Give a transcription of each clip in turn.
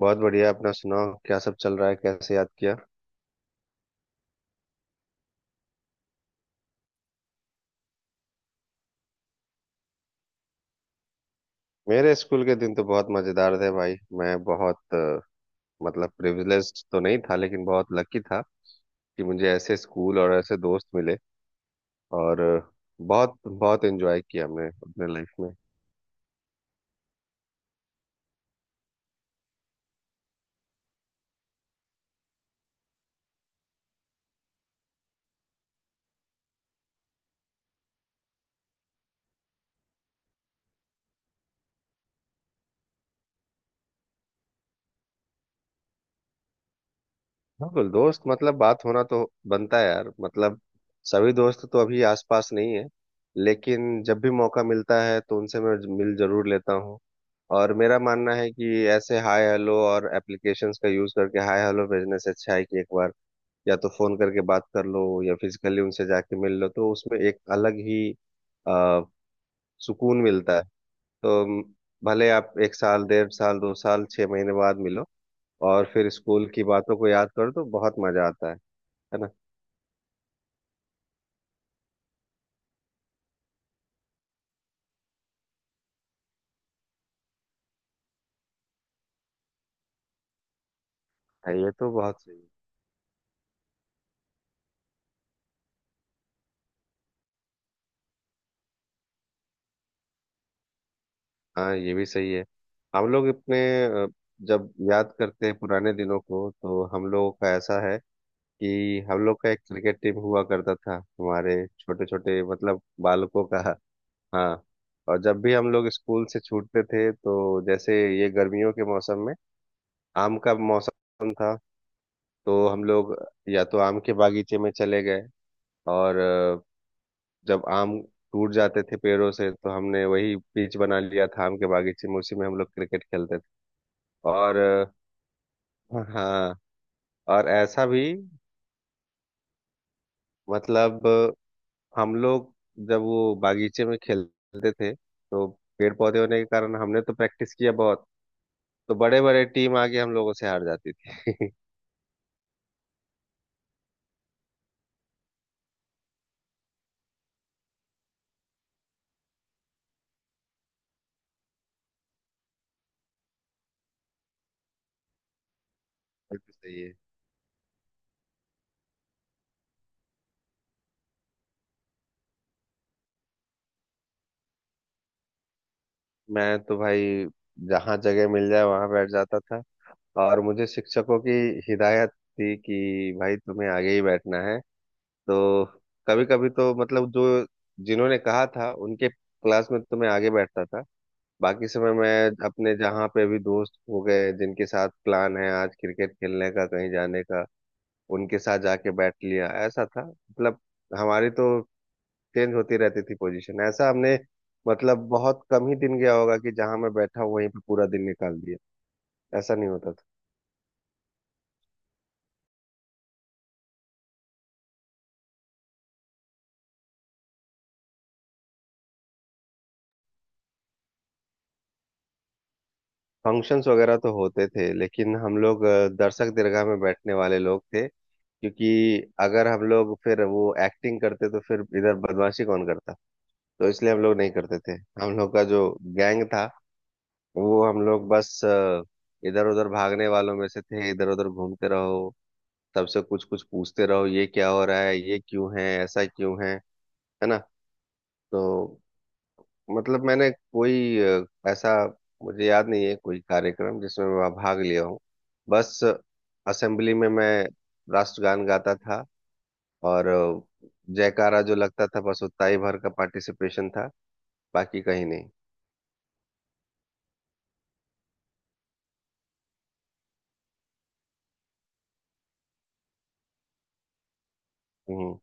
बहुत बढ़िया। अपना सुनाओ, क्या सब चल रहा है? कैसे याद किया? मेरे स्कूल के दिन तो बहुत मजेदार थे भाई। मैं बहुत मतलब प्रिविलेज्ड तो नहीं था, लेकिन बहुत लकी था कि मुझे ऐसे स्कूल और ऐसे दोस्त मिले। और बहुत बहुत एंजॉय किया हमने अपने लाइफ में। हाँ, तो दोस्त मतलब बात होना तो बनता है यार। मतलब सभी दोस्त तो अभी आसपास नहीं है, लेकिन जब भी मौका मिलता है तो उनसे मैं मिल जरूर लेता हूँ। और मेरा मानना है कि ऐसे हाय हेलो और एप्लीकेशंस का यूज करके हाय हेलो भेजने से अच्छा है कि एक बार या तो फोन करके बात कर लो, या फिजिकली उनसे जाके मिल लो। तो उसमें एक अलग ही आ, सुकून मिलता है। तो म, भले आप एक साल, डेढ़ साल, दो साल, 6 महीने बाद मिलो। और फिर स्कूल की बातों को याद करो तो बहुत मजा आता है। है ना। हाँ, ये तो बहुत सही है। हाँ, ये भी सही है। हम लोग अपने अ, जब याद करते हैं पुराने दिनों को, तो हम लोगों का ऐसा है कि हम लोग का एक क्रिकेट टीम हुआ करता था, हमारे छोटे छोटे मतलब बालकों का। हाँ। और जब भी हम लोग स्कूल से छूटते थे, तो जैसे ये गर्मियों के मौसम में आम का मौसम था, तो हम लोग या तो आम के बागीचे में चले गए। और जब आम टूट जाते थे पेड़ों से, तो हमने वही पिच बना लिया था आम के बागीचे में, उसी में हम लोग क्रिकेट खेलते थे। और हाँ। और ऐसा भी मतलब हम लोग जब वो बागीचे में खेलते थे, तो पेड़ पौधे होने के कारण हमने तो प्रैक्टिस किया बहुत। तो बड़े बड़े टीम आके हम लोगों से हार जाती थी। बिल्कुल सही है। मैं तो भाई जहाँ जगह मिल जाए वहां बैठ जाता था। और मुझे शिक्षकों की हिदायत थी कि भाई तुम्हें आगे ही बैठना है। तो कभी कभी तो मतलब जो जिन्होंने कहा था उनके क्लास में तो मैं आगे बैठता था। बाकी समय मैं अपने जहाँ पे भी दोस्त हो गए जिनके साथ प्लान है आज क्रिकेट खेलने का, कहीं जाने का, उनके साथ जाके बैठ लिया। ऐसा था मतलब हमारी तो चेंज होती रहती थी पोजीशन। ऐसा हमने मतलब बहुत कम ही दिन गया होगा कि जहाँ मैं बैठा हूँ वहीं पे पूरा दिन निकाल दिया। ऐसा नहीं होता। फंक्शंस वगैरह तो होते थे, लेकिन हम लोग दर्शक दीर्घा में बैठने वाले लोग थे, क्योंकि अगर हम लोग फिर वो एक्टिंग करते तो फिर इधर बदमाशी कौन करता। तो इसलिए हम लोग नहीं करते थे। हम लोग का जो गैंग था, वो हम लोग बस इधर उधर भागने वालों में से थे। इधर उधर घूमते रहो, सबसे कुछ कुछ पूछते रहो, ये क्या हो रहा है, ये क्यों है, ऐसा क्यों है। है ना। तो मतलब मैंने कोई ऐसा मुझे याद नहीं है कोई कार्यक्रम जिसमें मैं भाग लिया हूँ। बस असेंबली में मैं राष्ट्रगान गाता था, और जयकारा जो लगता था, बस उतना ही भर का पार्टिसिपेशन था। बाकी कहीं नहीं। हम्म।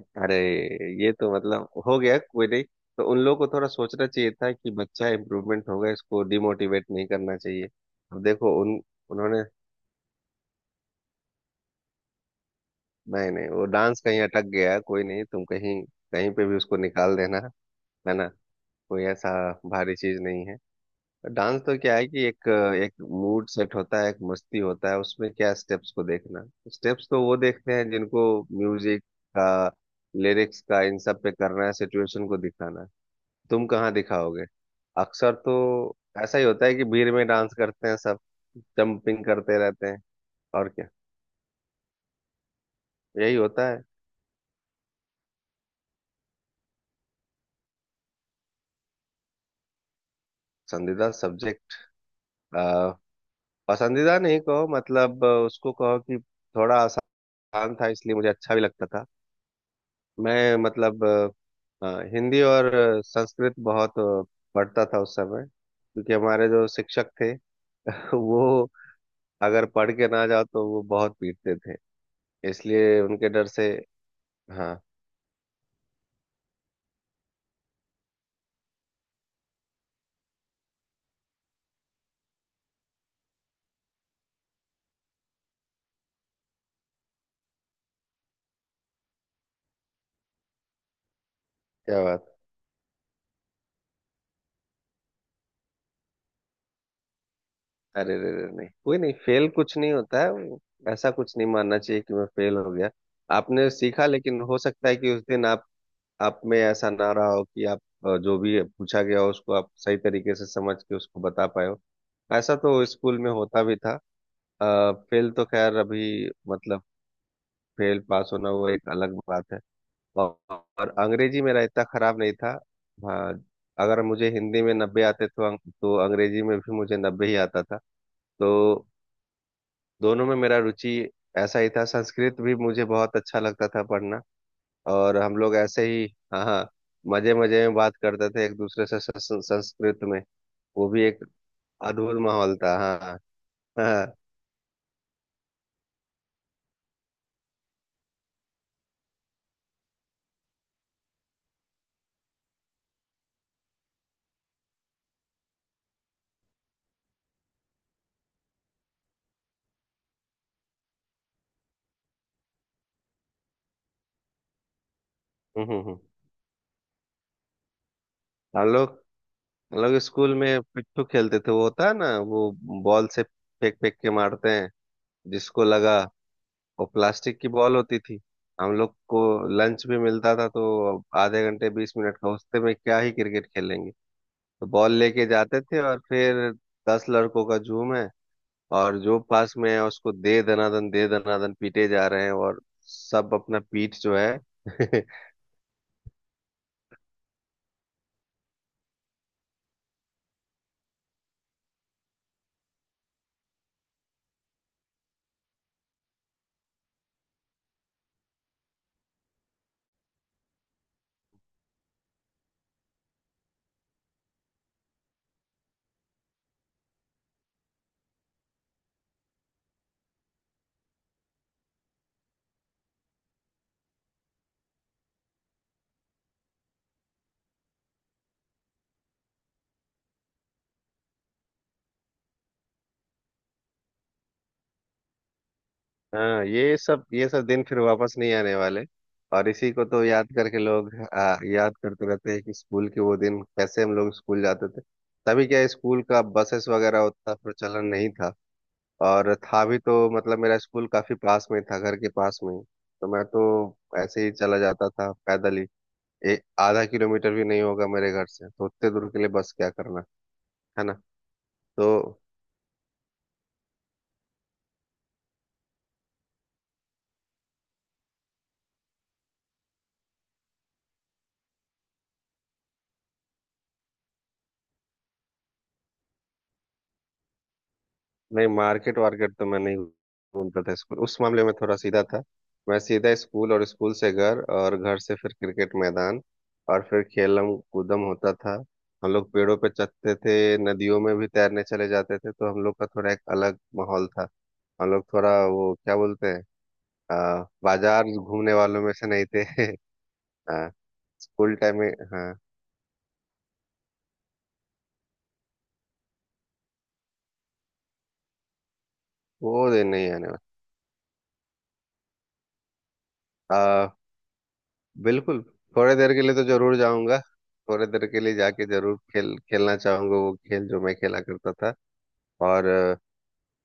अरे, ये तो मतलब हो गया, कोई नहीं। तो उन लोगों को थोड़ा सोचना चाहिए था कि बच्चा इम्प्रूवमेंट होगा, इसको डिमोटिवेट नहीं करना चाहिए। अब देखो उन उन्होंने नहीं नहीं, वो डांस कहीं अटक गया है, कोई नहीं, तुम कहीं कहीं पे भी उसको निकाल देना। है ना। कोई ऐसा भारी चीज नहीं है। डांस तो क्या है कि एक एक मूड सेट होता है, एक मस्ती होता है उसमें, क्या स्टेप्स को देखना। तो स्टेप्स तो वो देखते हैं जिनको म्यूजिक का, लिरिक्स का, इन सब पे करना है, सिचुएशन को दिखाना है। तुम कहाँ दिखाओगे। अक्सर तो ऐसा ही होता है कि भीड़ में डांस करते हैं सब, जंपिंग करते रहते हैं, और क्या। यही होता है। पसंदीदा सब्जेक्ट, पसंदीदा नहीं कहो, मतलब उसको कहो कि थोड़ा आसान था, इसलिए मुझे अच्छा भी लगता था। मैं मतलब हिंदी और संस्कृत बहुत पढ़ता था उस समय, क्योंकि हमारे जो शिक्षक थे वो अगर पढ़ के ना जाओ तो वो बहुत पीटते थे। इसलिए उनके डर से। हाँ। क्या बात। अरे रे रे, नहीं, कोई नहीं। फेल कुछ नहीं होता है वो, ऐसा कुछ नहीं मानना चाहिए कि मैं फेल हो गया। आपने सीखा, लेकिन हो सकता है कि उस दिन आप में ऐसा ना रहा हो कि आप जो भी पूछा गया हो उसको आप सही तरीके से समझ के उसको बता पाए हो। ऐसा तो स्कूल में होता भी था। फेल तो खैर, अभी मतलब फेल पास होना वो एक अलग बात है। और, और अंग्रेजी मेरा इतना खराब नहीं था। हाँ, अगर मुझे हिंदी में 90 आते तो अंग- तो अंग्रेजी में भी मुझे 90 ही आता था। तो दोनों में मेरा रुचि ऐसा ही था। संस्कृत भी मुझे बहुत अच्छा लगता था पढ़ना। और हम लोग ऐसे ही, हाँ हाँ, मजे मजे में बात करते थे एक दूसरे से सं- सं- संस्कृत में। वो भी एक अद्भुत माहौल था। हाँ हाँ। हाँ। हम्म हम्म हम्म। हम लोग, हम लोग स्कूल में पिट्ठू खेलते थे, वो होता है ना, वो बॉल से फेंक फेंक के मारते हैं, जिसको लगा। वो प्लास्टिक की बॉल होती थी। हम लोग को लंच भी मिलता था, तो आधे घंटे 20 मिनट का, उससे में क्या ही क्रिकेट खेलेंगे। तो बॉल लेके जाते थे और फिर दस लड़कों का झूम है, और जो पास में है उसको दे दनादन पीटे जा रहे हैं, और सब अपना पीठ जो है। हाँ, ये सब दिन फिर वापस नहीं आने वाले। और इसी को तो याद करके लोग याद करते रहते हैं कि स्कूल के वो दिन कैसे हम लोग स्कूल जाते थे। तभी क्या स्कूल का बसेस वगैरह उतना प्रचलन नहीं था। और था भी तो मतलब मेरा स्कूल काफी पास में था, घर के पास में ही। तो मैं तो ऐसे ही चला जाता था पैदल ही। एक आधा किलोमीटर भी नहीं होगा मेरे घर से, तो उतने दूर के लिए बस क्या करना। है ना। तो नहीं, मार्केट वार्केट तो मैं नहीं घूमता था, स्कूल उस मामले में थोड़ा सीधा था। मैं सीधा स्कूल, और स्कूल से घर, और घर से फिर क्रिकेट मैदान, और फिर खेलम कूदम होता था। हम लोग पेड़ों पे चढ़ते थे, नदियों में भी तैरने चले जाते थे। तो हम लोग का थोड़ा एक अलग माहौल था। हम लोग थोड़ा वो क्या बोलते हैं, बाजार घूमने वालों में से नहीं थे। हाँ। स्कूल टाइम में। हाँ। वो दिन नहीं आने वाला। बिल्कुल। थोड़े देर के लिए तो जरूर जाऊंगा। थोड़े देर के लिए जाके जरूर खेल खेलना चाहूंगा, वो खेल जो मैं खेला करता था। और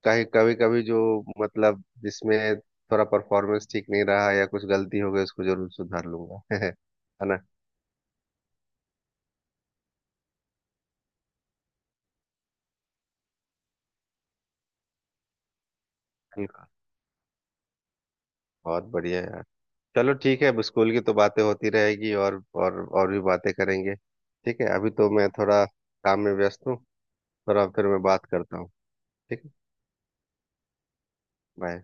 कहीं कभी कभी जो मतलब जिसमें थोड़ा परफॉर्मेंस ठीक नहीं रहा या कुछ गलती हो गई, उसको जरूर सुधार लूंगा। है ना। बिल्कुल। बहुत बढ़िया यार। चलो ठीक है, अब स्कूल की तो बातें होती रहेगी, और भी बातें करेंगे। ठीक है, अभी तो मैं थोड़ा काम में व्यस्त हूँ। थोड़ा फिर मैं बात करता हूँ। ठीक है। बाय।